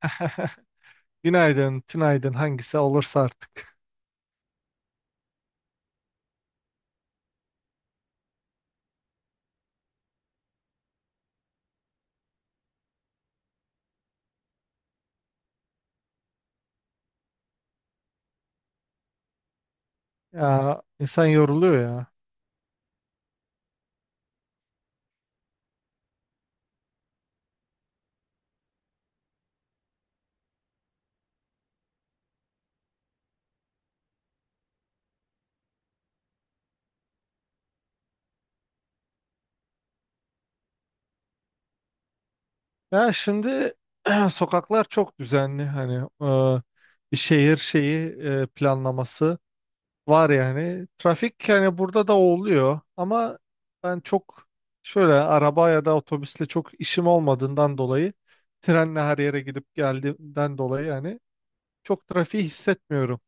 Günaydın, tünaydın hangisi olursa artık. Ya insan yoruluyor ya. Ya şimdi Sokaklar çok düzenli, e, bir şehir planlaması var yani. Trafik yani burada da oluyor ama ben çok şöyle araba ya da otobüsle çok işim olmadığından dolayı, trenle her yere gidip geldiğimden dolayı yani çok trafiği hissetmiyorum.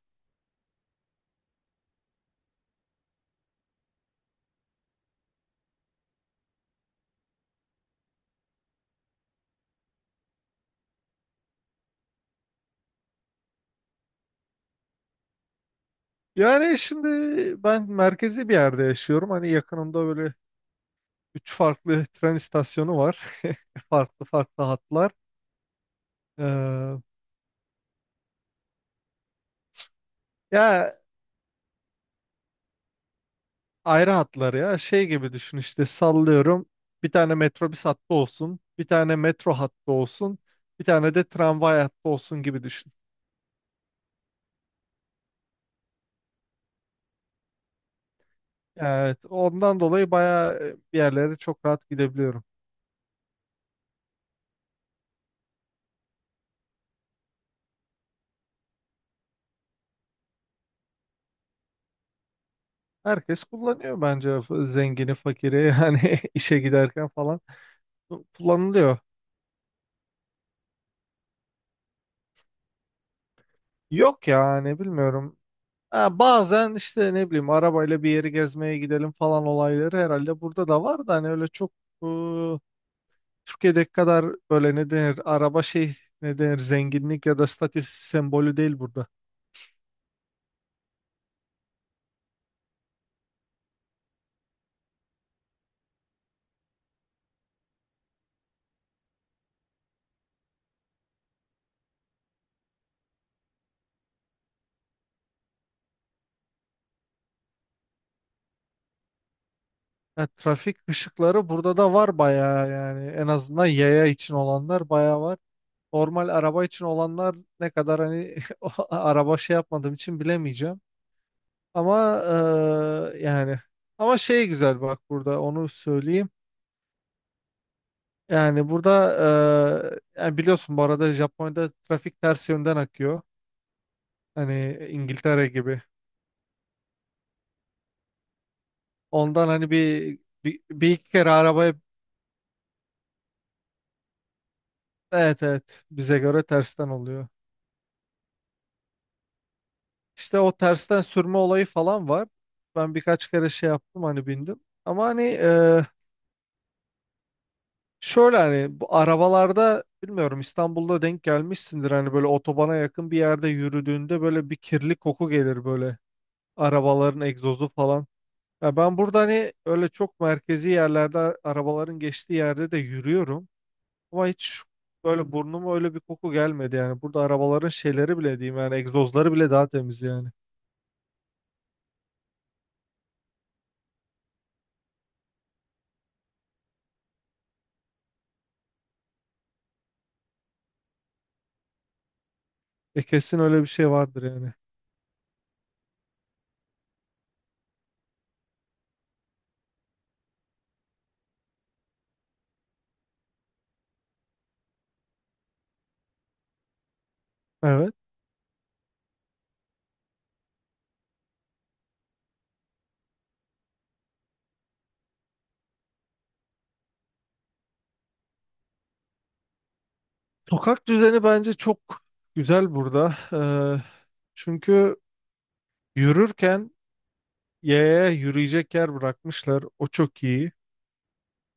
Yani şimdi ben merkezi bir yerde yaşıyorum. Hani yakınımda böyle üç farklı tren istasyonu var. Farklı farklı hatlar. Ee, ya ayrı hatlar ya. Şey gibi düşün, işte sallıyorum. Bir tane metrobüs hattı olsun, bir tane metro hattı olsun, bir tane de tramvay hattı olsun gibi düşün. Evet, ondan dolayı bayağı, bir yerlere çok rahat gidebiliyorum. Herkes kullanıyor bence, zengini, fakiri yani işe giderken falan kullanılıyor. Yok ya, ne bilmiyorum. Ha, bazen işte ne bileyim, arabayla bir yeri gezmeye gidelim falan olayları herhalde burada da var, da hani öyle çok e, Türkiye'deki kadar böyle ne denir araba şey, ne denir, zenginlik ya da statü sembolü değil burada. Ya, trafik ışıkları burada da var bayağı, yani en azından yaya için olanlar bayağı var. Normal araba için olanlar ne kadar hani, o araba şey yapmadığım için bilemeyeceğim. Ama yani ama şey, güzel bak, burada onu söyleyeyim. Yani burada yani biliyorsun, bu arada Japonya'da trafik ters yönden akıyor. Hani İngiltere gibi. Ondan hani bir iki kere arabaya, evet evet, bize göre tersten oluyor. İşte o tersten sürme olayı falan var. Ben birkaç kere şey yaptım, hani bindim. Ama şöyle hani bu arabalarda, bilmiyorum İstanbul'da denk gelmişsindir, hani böyle otobana yakın bir yerde yürüdüğünde böyle bir kirli koku gelir, böyle arabaların egzozu falan. Ya ben burada hani öyle çok merkezi yerlerde arabaların geçtiği yerde de yürüyorum. Ama hiç böyle burnuma öyle bir koku gelmedi yani. Burada arabaların şeyleri bile diyeyim, yani egzozları bile daha temiz yani. E kesin öyle bir şey vardır yani. Evet. Sokak düzeni bence çok güzel burada. Çünkü yürürken yaya yürüyecek yer bırakmışlar. O çok iyi.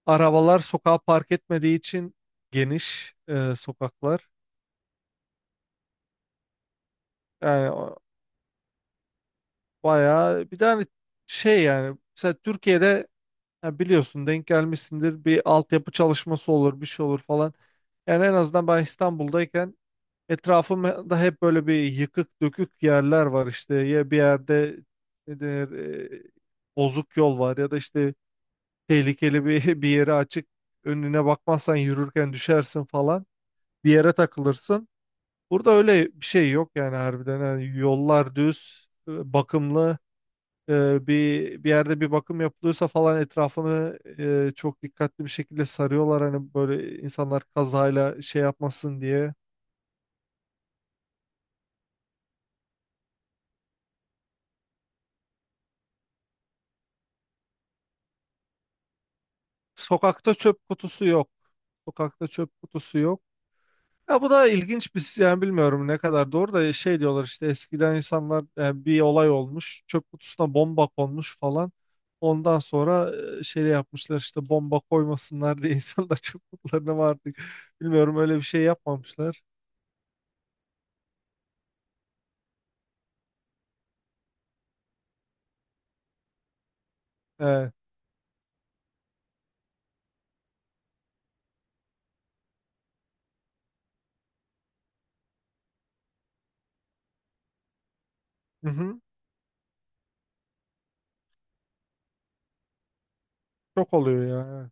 Arabalar sokağa park etmediği için geniş sokaklar. Yani bayağı bir tane şey yani, mesela Türkiye'de, ya biliyorsun denk gelmişsindir, bir altyapı çalışması olur, bir şey olur falan. Yani en azından ben İstanbul'dayken etrafımda hep böyle bir yıkık dökük yerler var, işte ya bir yerde ne denir, bozuk yol var ya da işte tehlikeli bir, bir yere açık, önüne bakmazsan yürürken düşersin falan, bir yere takılırsın. Burada öyle bir şey yok yani, harbiden. Yani yollar düz, bakımlı, bir yerde bir bakım yapılıyorsa falan etrafını çok dikkatli bir şekilde sarıyorlar, hani böyle insanlar kazayla şey yapmasın diye. Sokakta çöp kutusu yok. Sokakta çöp kutusu yok. Ya bu da ilginç bir yani, bilmiyorum ne kadar doğru, da şey diyorlar işte, eskiden insanlar, bir olay olmuş, çöp kutusuna bomba konmuş falan. Ondan sonra şey yapmışlar, işte bomba koymasınlar diye insanlar çöp kutularına mı artık, bilmiyorum, öyle bir şey yapmamışlar. Evet. Çok oluyor ya, evet.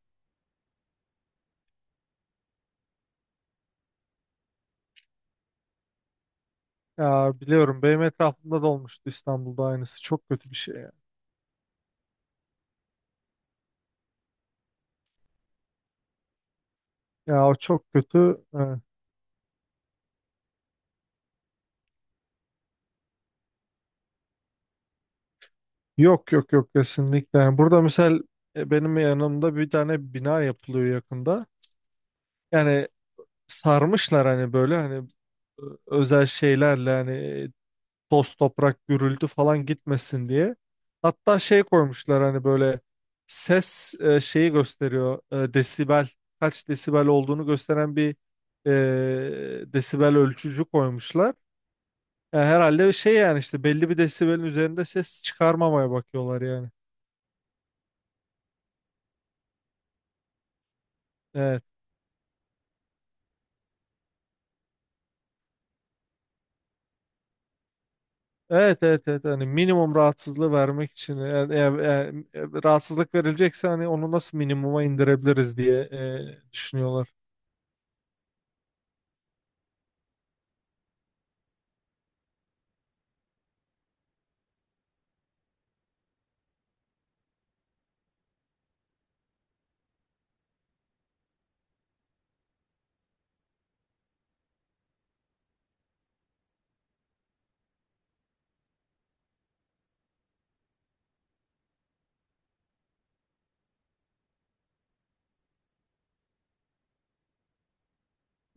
Ya biliyorum, benim etrafımda da olmuştu İstanbul'da aynısı. Çok kötü bir şey ya. Ya o çok kötü. Yok yok yok, kesinlikle. Yani burada misal benim yanımda bir tane bina yapılıyor yakında. Yani sarmışlar hani böyle hani özel şeylerle, hani toz toprak gürültü falan gitmesin diye. Hatta şey koymuşlar, hani böyle ses şeyi gösteriyor, e, desibel kaç desibel olduğunu gösteren bir desibel ölçücü koymuşlar. E, herhalde şey yani, işte belli bir desibelin üzerinde ses çıkarmamaya bakıyorlar yani. Evet. Evet evet evet, hani minimum rahatsızlığı vermek için, yani, rahatsızlık verilecekse hani onu nasıl minimuma indirebiliriz diye düşünüyorlar.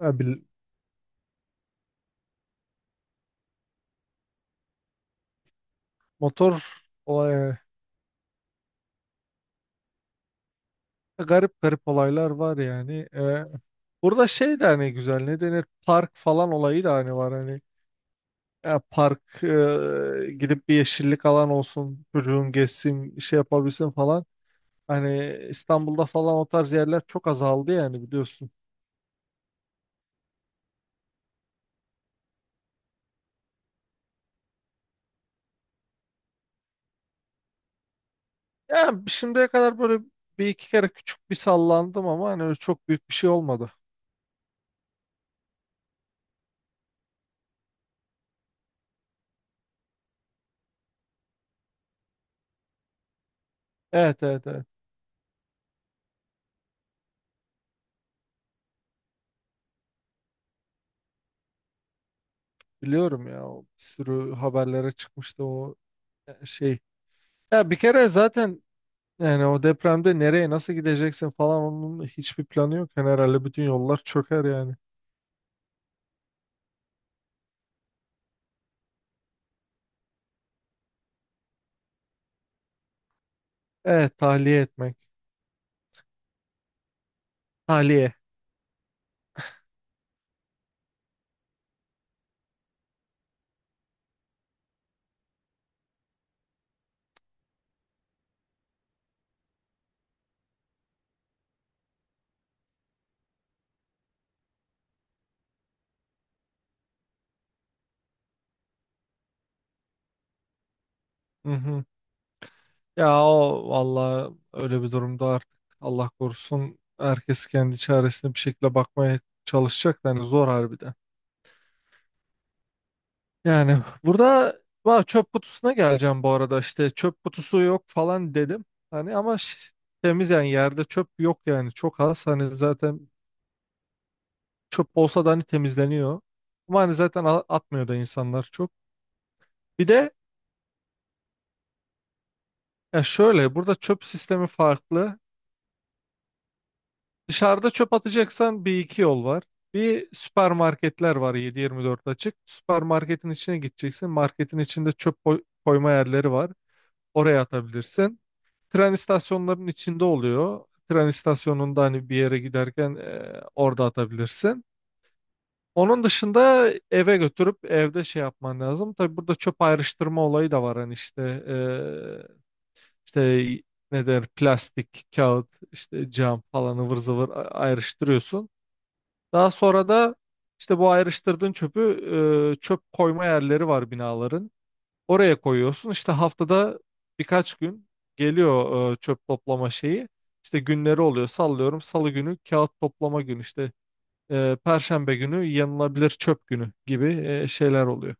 Ya bil- motor olay, garip garip olaylar var yani. Burada şey de hani güzel, ne denir, park falan olayı da hani var hani. Ya park, gidip bir yeşillik alan olsun, çocuğun geçsin, şey yapabilsin falan. Hani İstanbul'da falan o tarz yerler çok azaldı yani, biliyorsun. Yani şimdiye kadar böyle bir iki kere küçük bir sallandım ama hani öyle çok büyük bir şey olmadı. Evet evet evet, biliyorum ya, o bir sürü haberlere çıkmıştı, şey. Ya bir kere zaten, yani o depremde nereye nasıl gideceksin falan, onun hiçbir planı yok. Yani herhalde bütün yollar çöker yani. Evet, tahliye etmek. Tahliye. Hı hı. Ya o valla, öyle bir durumda artık Allah korusun, herkes kendi çaresine bir şekilde bakmaya çalışacak. Yani zor harbiden. Yani burada va, çöp kutusuna geleceğim bu arada, işte çöp kutusu yok falan dedim. Hani ama temiz yani, yerde çöp yok yani, çok az. Hani zaten çöp olsa da hani temizleniyor. Ama hani zaten atmıyor da insanlar çok. Bir de ya şöyle, burada çöp sistemi farklı. Dışarıda çöp atacaksan bir iki yol var. Bir, süpermarketler var 7-24 açık. Süpermarketin içine gideceksin. Marketin içinde çöp koyma yerleri var. Oraya atabilirsin. Tren istasyonlarının içinde oluyor. Tren istasyonunda hani bir yere giderken orada atabilirsin. Onun dışında eve götürüp evde şey yapman lazım. Tabii burada çöp ayrıştırma olayı da var. Hani e, işte ne der, plastik, kağıt, işte cam falan ıvır zıvır ayrıştırıyorsun. Daha sonra da işte bu ayrıştırdığın çöpü, çöp koyma yerleri var binaların. Oraya koyuyorsun. İşte haftada birkaç gün geliyor çöp toplama şeyi. İşte günleri oluyor. Sallıyorum, Salı günü kağıt toplama günü. İşte Perşembe günü yanılabilir çöp günü gibi şeyler oluyor.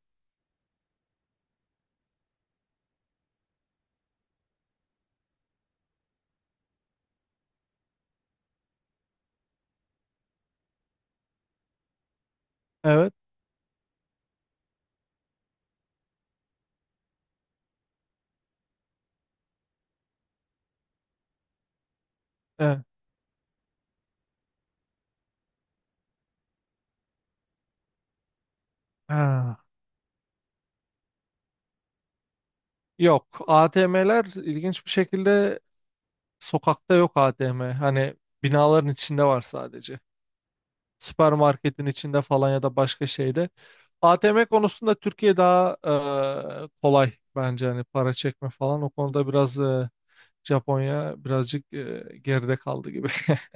Evet. Evet. Ha. Yok. ATM'ler ilginç bir şekilde sokakta yok, ATM. Hani binaların içinde var sadece. Süpermarketin içinde falan ya da başka şeyde. ATM konusunda Türkiye daha kolay bence, hani para çekme falan. O konuda biraz Japonya birazcık geride kaldı gibi.